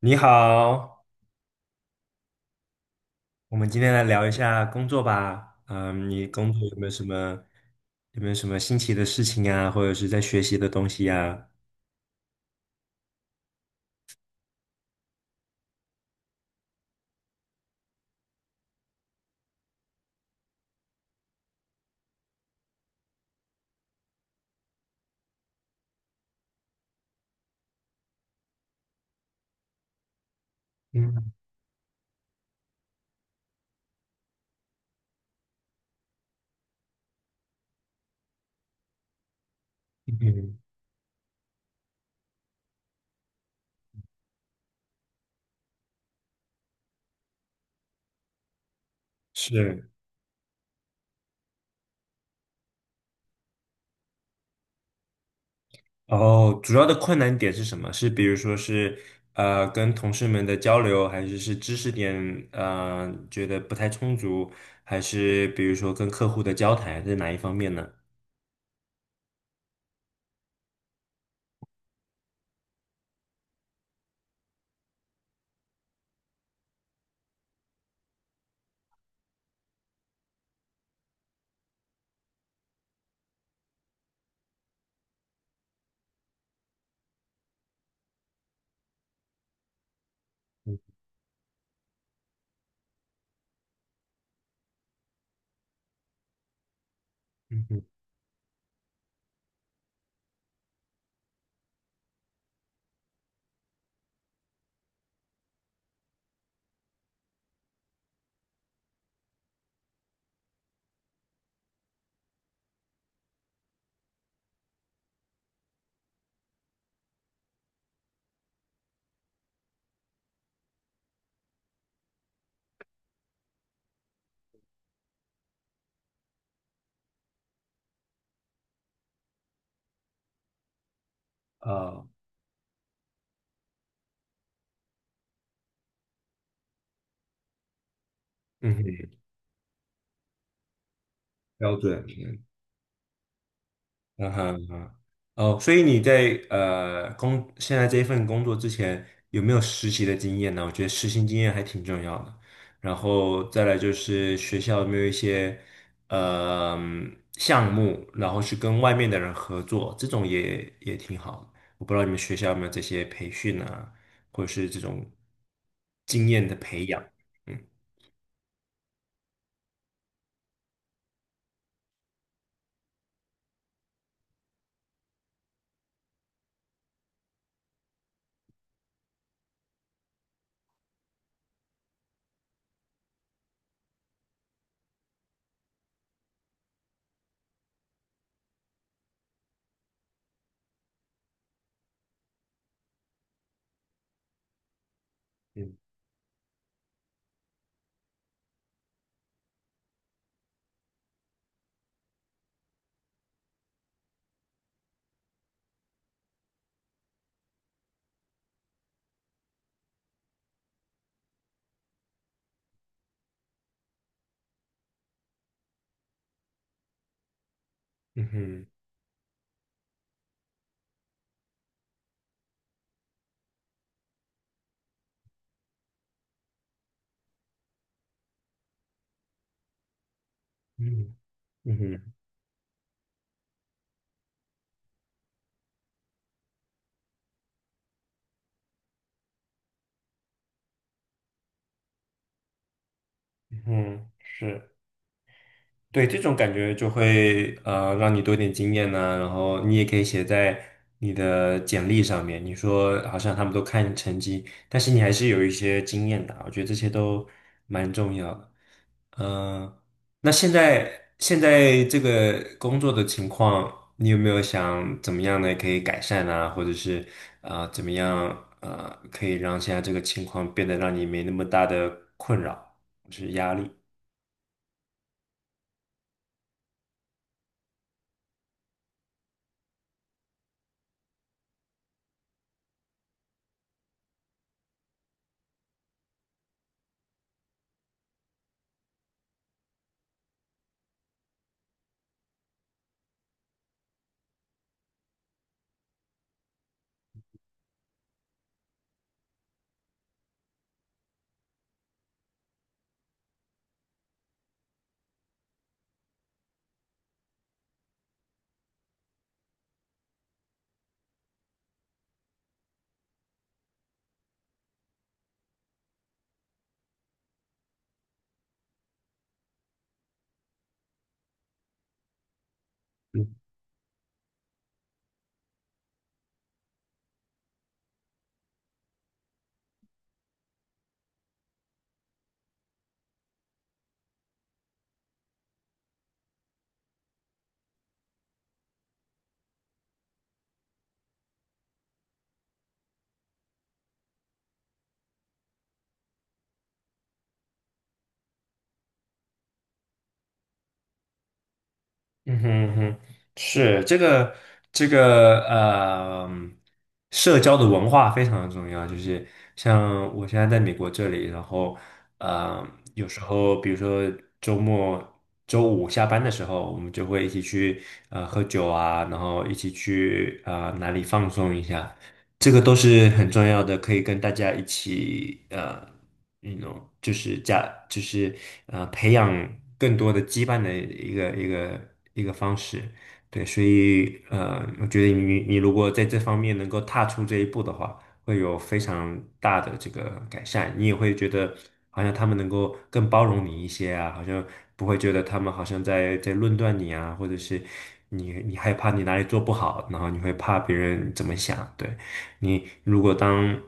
你好，我们今天来聊一下工作吧。嗯，你工作有没有什么新奇的事情啊，或者是在学习的东西呀？嗯嗯，是。哦，主要的困难点是什么？是比如说是跟同事们的交流，还是知识点觉得不太充足，还是比如说跟客户的交谈，哪一方面呢？嗯嗯，标准。嗯哼嗯。哦，所以你在现在这一份工作之前有没有实习的经验呢？我觉得实习经验还挺重要的。然后再来就是学校有没有一些呃项目，然后去跟外面的人合作，这种也挺好的。我不知道你们学校有没有这些培训啊，或者是这种经验的培养。嗯嗯嗯哼嗯嗯哼嗯哼，是。对，这种感觉就会让你多点经验呢、然后你也可以写在你的简历上面。你说好像他们都看成绩，但是你还是有一些经验的啊，我觉得这些都蛮重要的。嗯、那现在这个工作的情况，你有没有想怎么样呢？可以改善啊，或者是怎么样可以让现在这个情况变得让你没那么大的困扰，就是压力？嗯哼嗯哼，是这个这个呃，社交的文化非常的重要。就是像我现在在美国这里，然后呃，有时候比如说周末周五下班的时候，我们就会一起去喝酒啊，然后一起去哪里放松一下。这个都是很重要的，可以跟大家一起那种就是培养更多的羁绊的一个方式。对，所以我觉得你如果在这方面能够踏出这一步的话，会有非常大的这个改善。你也会觉得好像他们能够更包容你一些啊，好像不会觉得他们好像在论断你啊，或者是你害怕你哪里做不好，然后你会怕别人怎么想，对。你如果当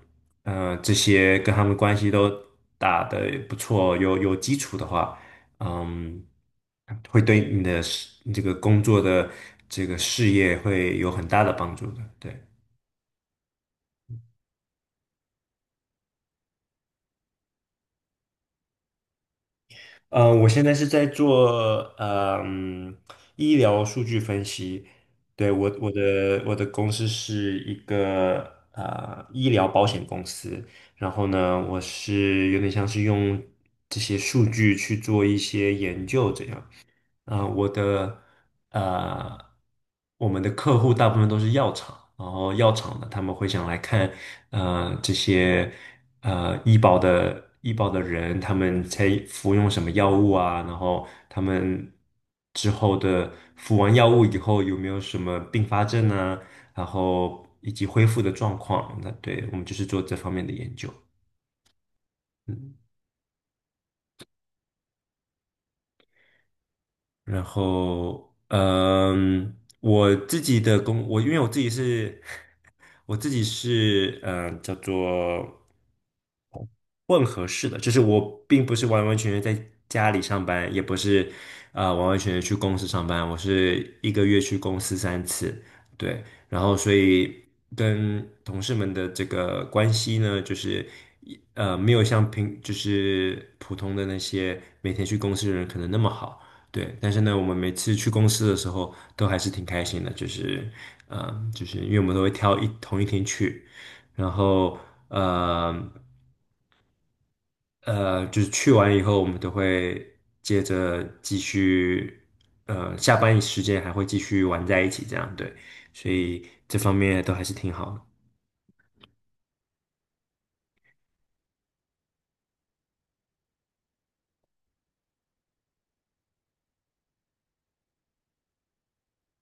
这些跟他们关系都打得不错，有基础的话，嗯，会对你的事，你这个工作的这个事业会有很大的帮助的。对。我现在是在做医疗数据分析。对，我的公司是一个医疗保险公司，然后呢，我是有点像是用这些数据去做一些研究这样。呃，我的呃，我们的客户大部分都是药厂，然后药厂的他们会想来看这些医保的人，他们才服用什么药物啊，然后他们之后的服完药物以后有没有什么并发症啊，然后以及恢复的状况，那对我们就是做这方面的研究，嗯。然后，嗯，我自己的工，我因为我自己是，我自己是，嗯，叫做混合式的，就是我并不是完完全全在家里上班，也不是，完完全全去公司上班，我是一个月去公司三次，对，跟同事们的这个关系呢，就是没有像平就是普通的那些每天去公司的人可能那么好，对。但是呢，我们每次去公司的时候都还是挺开心的，就是嗯，就是因为我们都会挑同一天去，然后呃去完以后，我们都会接着继续。下班时间还会继续玩在一起，这样对，所以这方面都还是挺好的。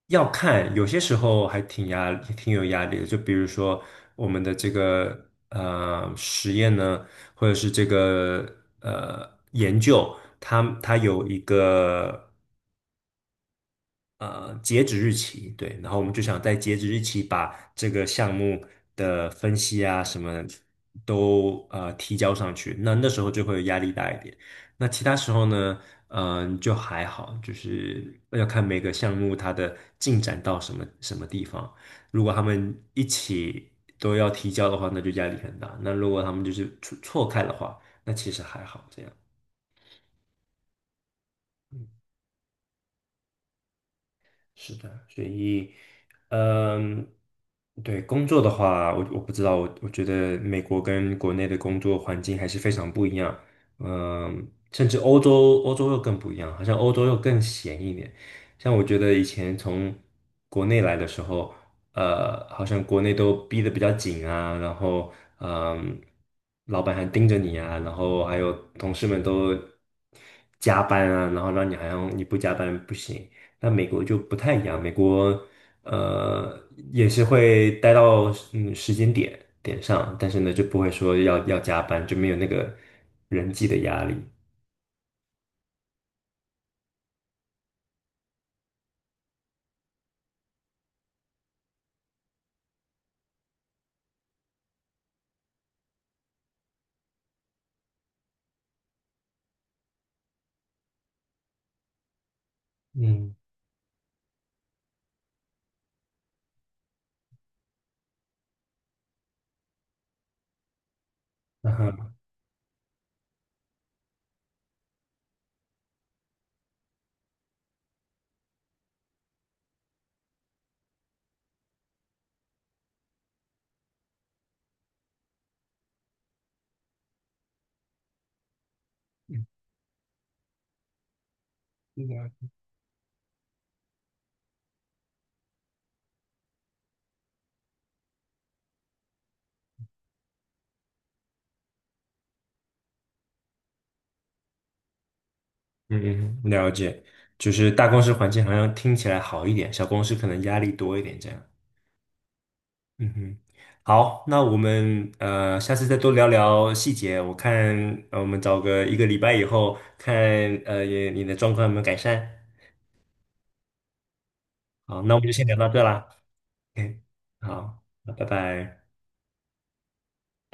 要看，有些时候还挺压，挺有压力的。就比如说我们的这个实验呢，或者是这个呃研究，它有一个截止日期，对，然后我们就想在截止日期把这个项目的分析啊什么都提交上去，那那时候就会压力大一点。那其他时候呢，嗯、就还好，就是要看每个项目它的进展到什么地方。如果他们一起都要提交的话，那就压力很大；那如果他们就是错开的话，那其实还好这样。嗯，是的，所以，嗯，对，工作的话，我不知道，我觉得美国跟国内的工作环境还是非常不一样，嗯，甚至欧洲又更不一样，好像欧洲又更闲一点。像我觉得以前从国内来的时候，好像国内都逼得比较紧啊，然后，嗯，老板还盯着你啊，然后还有同事们都加班啊，然后让你好像你不加班不行。那美国就不太一样，美国呃也是会待到嗯时间点上，但是呢就不会说要加班，就没有那个人际的压力。嗯，然后是的嗯，嗯，了解，就是大公司环境好像听起来好一点，小公司可能压力多一点这样。嗯哼，好，那我们下次再多聊聊细节，我看我们找个一个礼拜以后看也你的状况有没有改善。好，那我们就先聊到这啦。o 好，那拜拜。